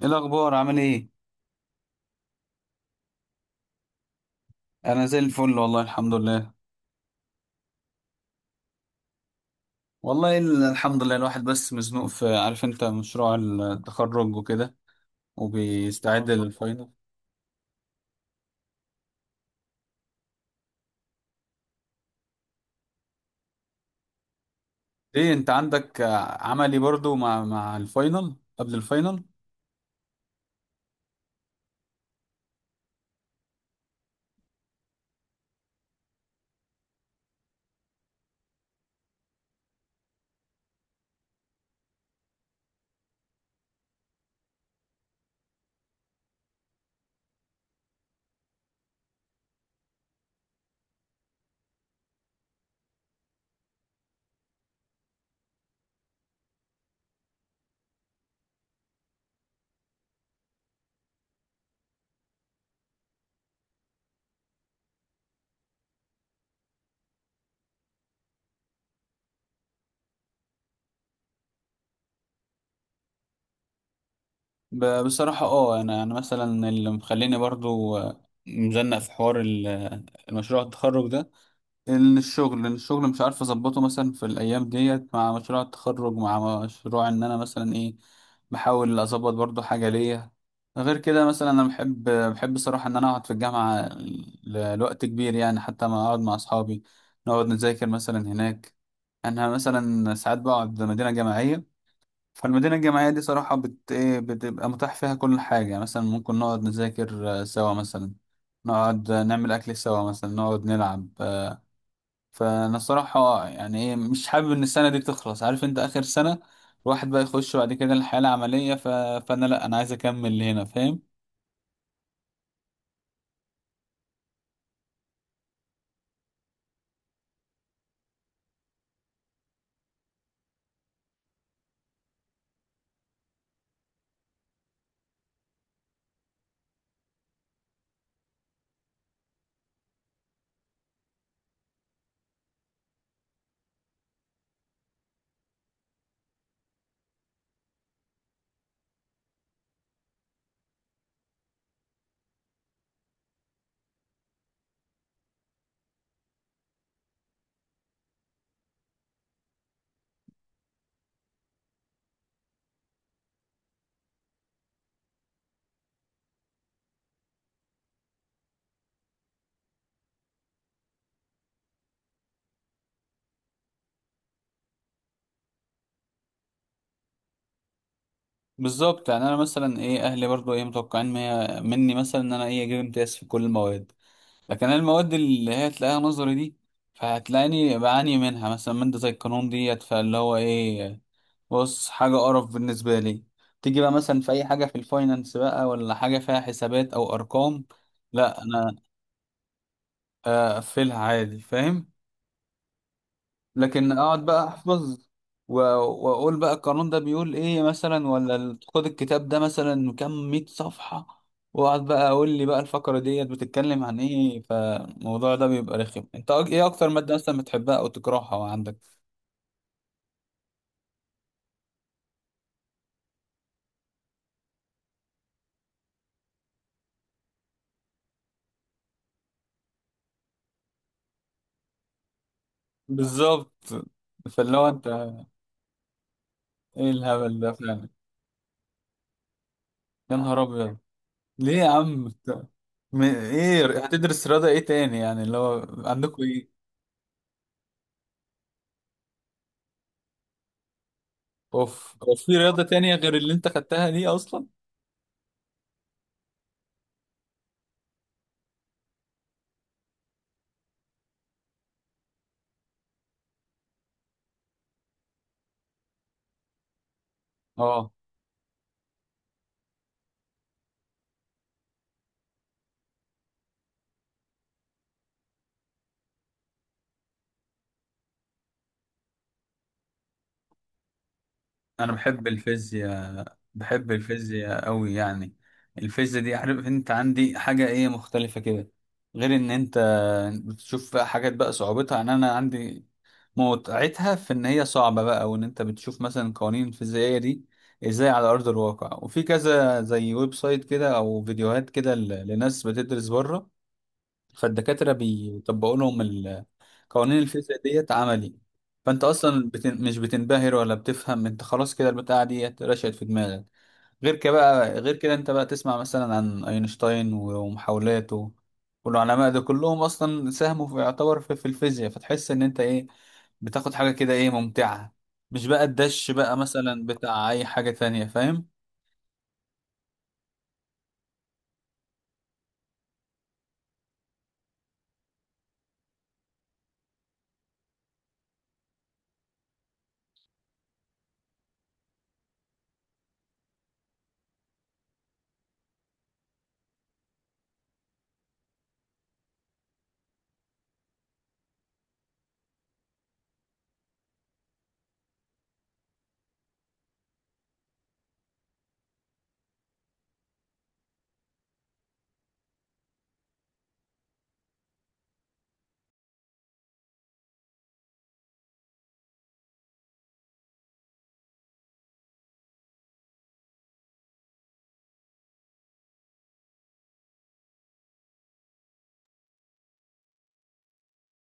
ايه الاخبار، عامل ايه؟ انا زي الفل، والله الحمد لله. والله الحمد لله، الواحد بس مزنوق في، عارف انت، مشروع التخرج وكده. وبيستعد للفاينل. ايه انت عندك عملي برضو مع الفاينل، قبل الفاينل؟ بصراحة انا مثلا اللي مخليني برضو مزنق في حوار المشروع التخرج ده. ان الشغل مش عارف اظبطه مثلا في الايام ديت، مع مشروع التخرج، مع مشروع، ان انا مثلا ايه بحاول اظبط برضو حاجه ليا. غير كده مثلا، انا بحب صراحه ان انا اقعد في الجامعه لوقت كبير، يعني حتى ما اقعد مع اصحابي، نقعد نذاكر مثلا هناك. انا مثلا ساعات بقعد مدينه جامعيه. فالمدينه الجامعيه دي صراحه بت ايه، بتبقى متاح فيها كل حاجه، مثلا ممكن نقعد نذاكر، سوا مثلا نقعد نعمل اكل سوا، مثلا نقعد نلعب. فانا الصراحه يعني ايه مش حابب ان السنه دي تخلص، عارف انت اخر سنه، الواحد بقى يخش بعد كده الحياه العمليه فانا لا، انا عايز اكمل هنا، فاهم؟ بالظبط، يعني انا مثلا ايه اهلي برضو ايه متوقعين مني مثلا ان انا ايه اجيب امتياز في كل المواد، لكن انا المواد اللي هي تلاقيها نظري دي فهتلاقيني بعاني منها، مثلا ماده زي القانون ديت، فاللي هو ايه، بص حاجه قرف بالنسبه لي. تيجي بقى مثلا في اي حاجه في الفاينانس بقى، ولا حاجه فيها حسابات او ارقام، لا، اقفلها عادي، فاهم؟ لكن اقعد بقى احفظ، و- واقول بقى القانون ده بيقول ايه مثلا، ولا خد الكتاب ده مثلا كام مية صفحة، واقعد بقى اقول لي بقى الفقرة ديت بتتكلم عن ايه، فالموضوع ده بيبقى رخم. انت ايه اكتر مادة مثلا بتحبها او تكرهها وعندك؟ بالظبط، فاللي هو انت، ايه الهبل ده فعلا! يا نهار ابيض! ليه يا عم ايه هتدرس رياضة ايه تاني، يعني اللي هو عندكم إيه؟ اوف، هو في رياضة تانية غير اللي انت خدتها دي اصلا؟ اه، انا بحب الفيزياء، بحب الفيزياء قوي يعني. الفيزياء دي، عارف انت، عندي حاجة ايه مختلفة كده، غير ان انت بتشوف بقى حاجات بقى صعوبتها، ان انا عندي متعتها في ان هي صعبة بقى، وان انت بتشوف مثلا قوانين الفيزيائية دي ازاي على ارض الواقع، وفي كذا زي ويب سايت كده او فيديوهات كده لناس بتدرس بره، فالدكاترة بيطبقوا لهم قوانين الفيزياء ديت عملي. فانت اصلا مش بتنبهر ولا بتفهم، انت خلاص كده البتاعه ديت رشقت في دماغك. غير كده بقى، غير كده انت بقى تسمع مثلا عن اينشتاين ومحاولاته والعلماء ده كلهم اصلا ساهموا في، يعتبر، في الفيزياء، فتحس ان انت ايه بتاخد حاجه كده ايه ممتعه، مش بقى الدش بقى مثلا بتاع اي حاجه تانية، فاهم؟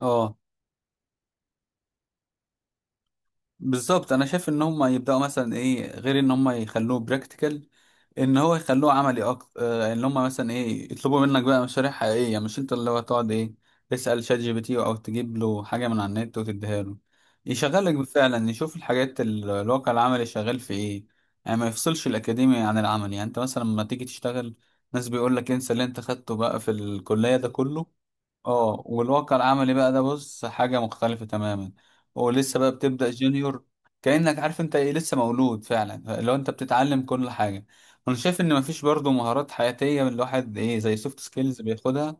اه، بالظبط. انا شايف ان هم يبداوا مثلا ايه غير ان هم يخلوه براكتيكال، ان هو يخلوه عملي اكتر. ان هم مثلا ايه يطلبوا منك بقى مشاريع حقيقيه، مش انت اللي هو تقعد ايه تسال شات جي بي تي او تجيب له حاجه من على النت وتديها له. يشغلك فعلا، يشوف الحاجات، الواقع العملي شغال في ايه، يعني ما يفصلش الاكاديمي عن العمل. يعني انت مثلا لما تيجي تشتغل، ناس بيقول لك انسى اللي انت خدته بقى في الكليه ده كله. اه، والواقع العملي بقى ده بص حاجة مختلفة تماما، هو لسه بقى بتبدأ جونيور، كأنك عارف انت ايه، لسه مولود فعلا، لو انت بتتعلم كل حاجة. انا شايف ان مفيش برضو مهارات حياتية من الواحد ايه، زي سوفت سكيلز بياخدها.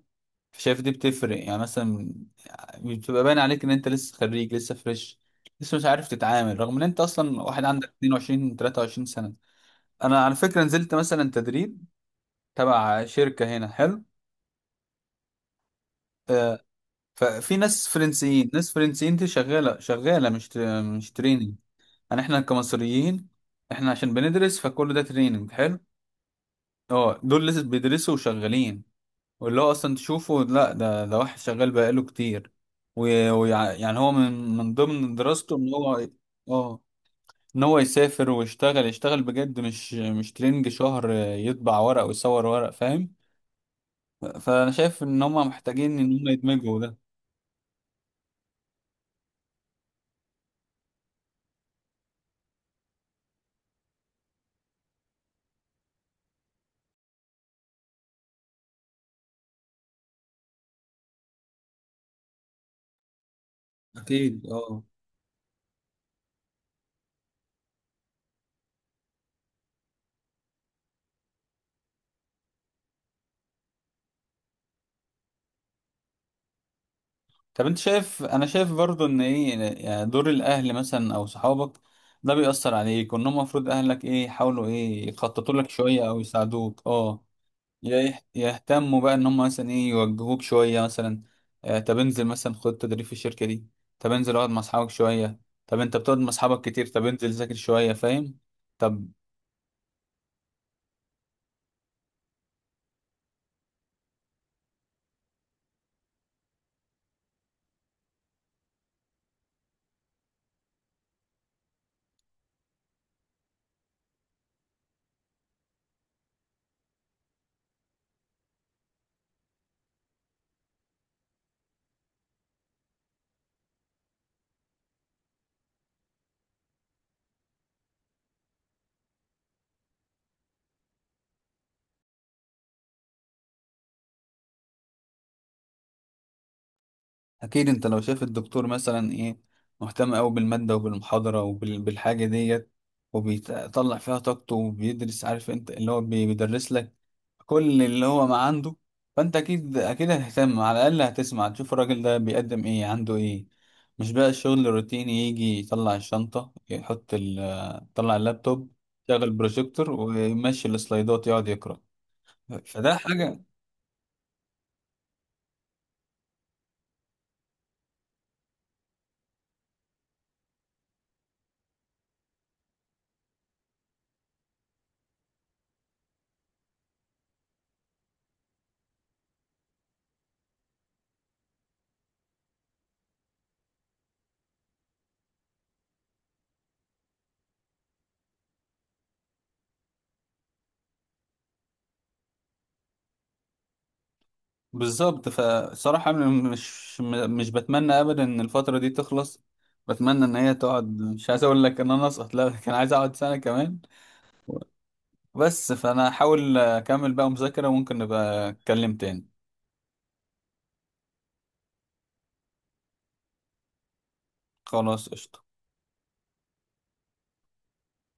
شايف دي بتفرق يعني، مثلا بتبقى باين عليك ان انت لسه خريج، لسه فريش، لسه مش عارف تتعامل، رغم ان انت اصلا واحد عندك 22 23 سنة. انا على فكرة نزلت مثلا تدريب تبع شركة هنا حلو، ففي ناس فرنسيين، دي شغالة، شغالة، مش تريننج. احنا كمصريين، احنا عشان بندرس، فكل ده تريننج حلو. اه، دول لسه بيدرسوا وشغالين، واللي هو اصلا تشوفه، لا ده واحد شغال بقاله كتير، يعني هو من ضمن دراسته ان هو، اه ان هو يسافر ويشتغل، يشتغل بجد، مش تريننج شهر يطبع ورق ويصور ورق، فاهم؟ فانا شايف ان هم محتاجين ان هم يدمجوا ده. اكيد، اه. طب انت شايف، انا شايف برضو ان ايه، يعني دور الاهل مثلا او صحابك، ده بيأثر عليك، وان هم المفروض، اهلك ايه يحاولوا ايه يخططوا لك شوية او يساعدوك يهتموا بقى ان هم مثلا ايه يوجهوك شوية، مثلا طب انزل مثلا خد تدريب في الشركة دي، طب انزل اقعد مع اصحابك شوية، طب انت بتقعد مع اصحابك كتير، طب انزل ذاكر شوية، فاهم؟ طب اكيد، انت لو شايف الدكتور مثلا ايه مهتم قوي بالماده وبالمحاضره وبالحاجه ديت، وبيطلع فيها طاقته، وبيدرس، عارف انت اللي هو بيدرس لك كل اللي هو ما عنده، فانت اكيد اكيد هتهتم، على الاقل هتسمع تشوف الراجل ده بيقدم ايه، عنده ايه. مش بقى الشغل الروتيني، يجي يطلع الشنطه، يحط يطلع اللابتوب، يشغل البروجيكتور ويمشي السلايدات، يقعد يقرا. فده حاجه. بالظبط، فصراحة أنا مش بتمنى أبدا إن الفترة دي تخلص، بتمنى إن هي تقعد. مش عايز أقول لك إن أنا أسقط، لا، كان عايز أقعد سنة كمان بس. فأنا هحاول أكمل بقى مذاكرة، وممكن نبقى أتكلم تاني. خلاص، قشطة.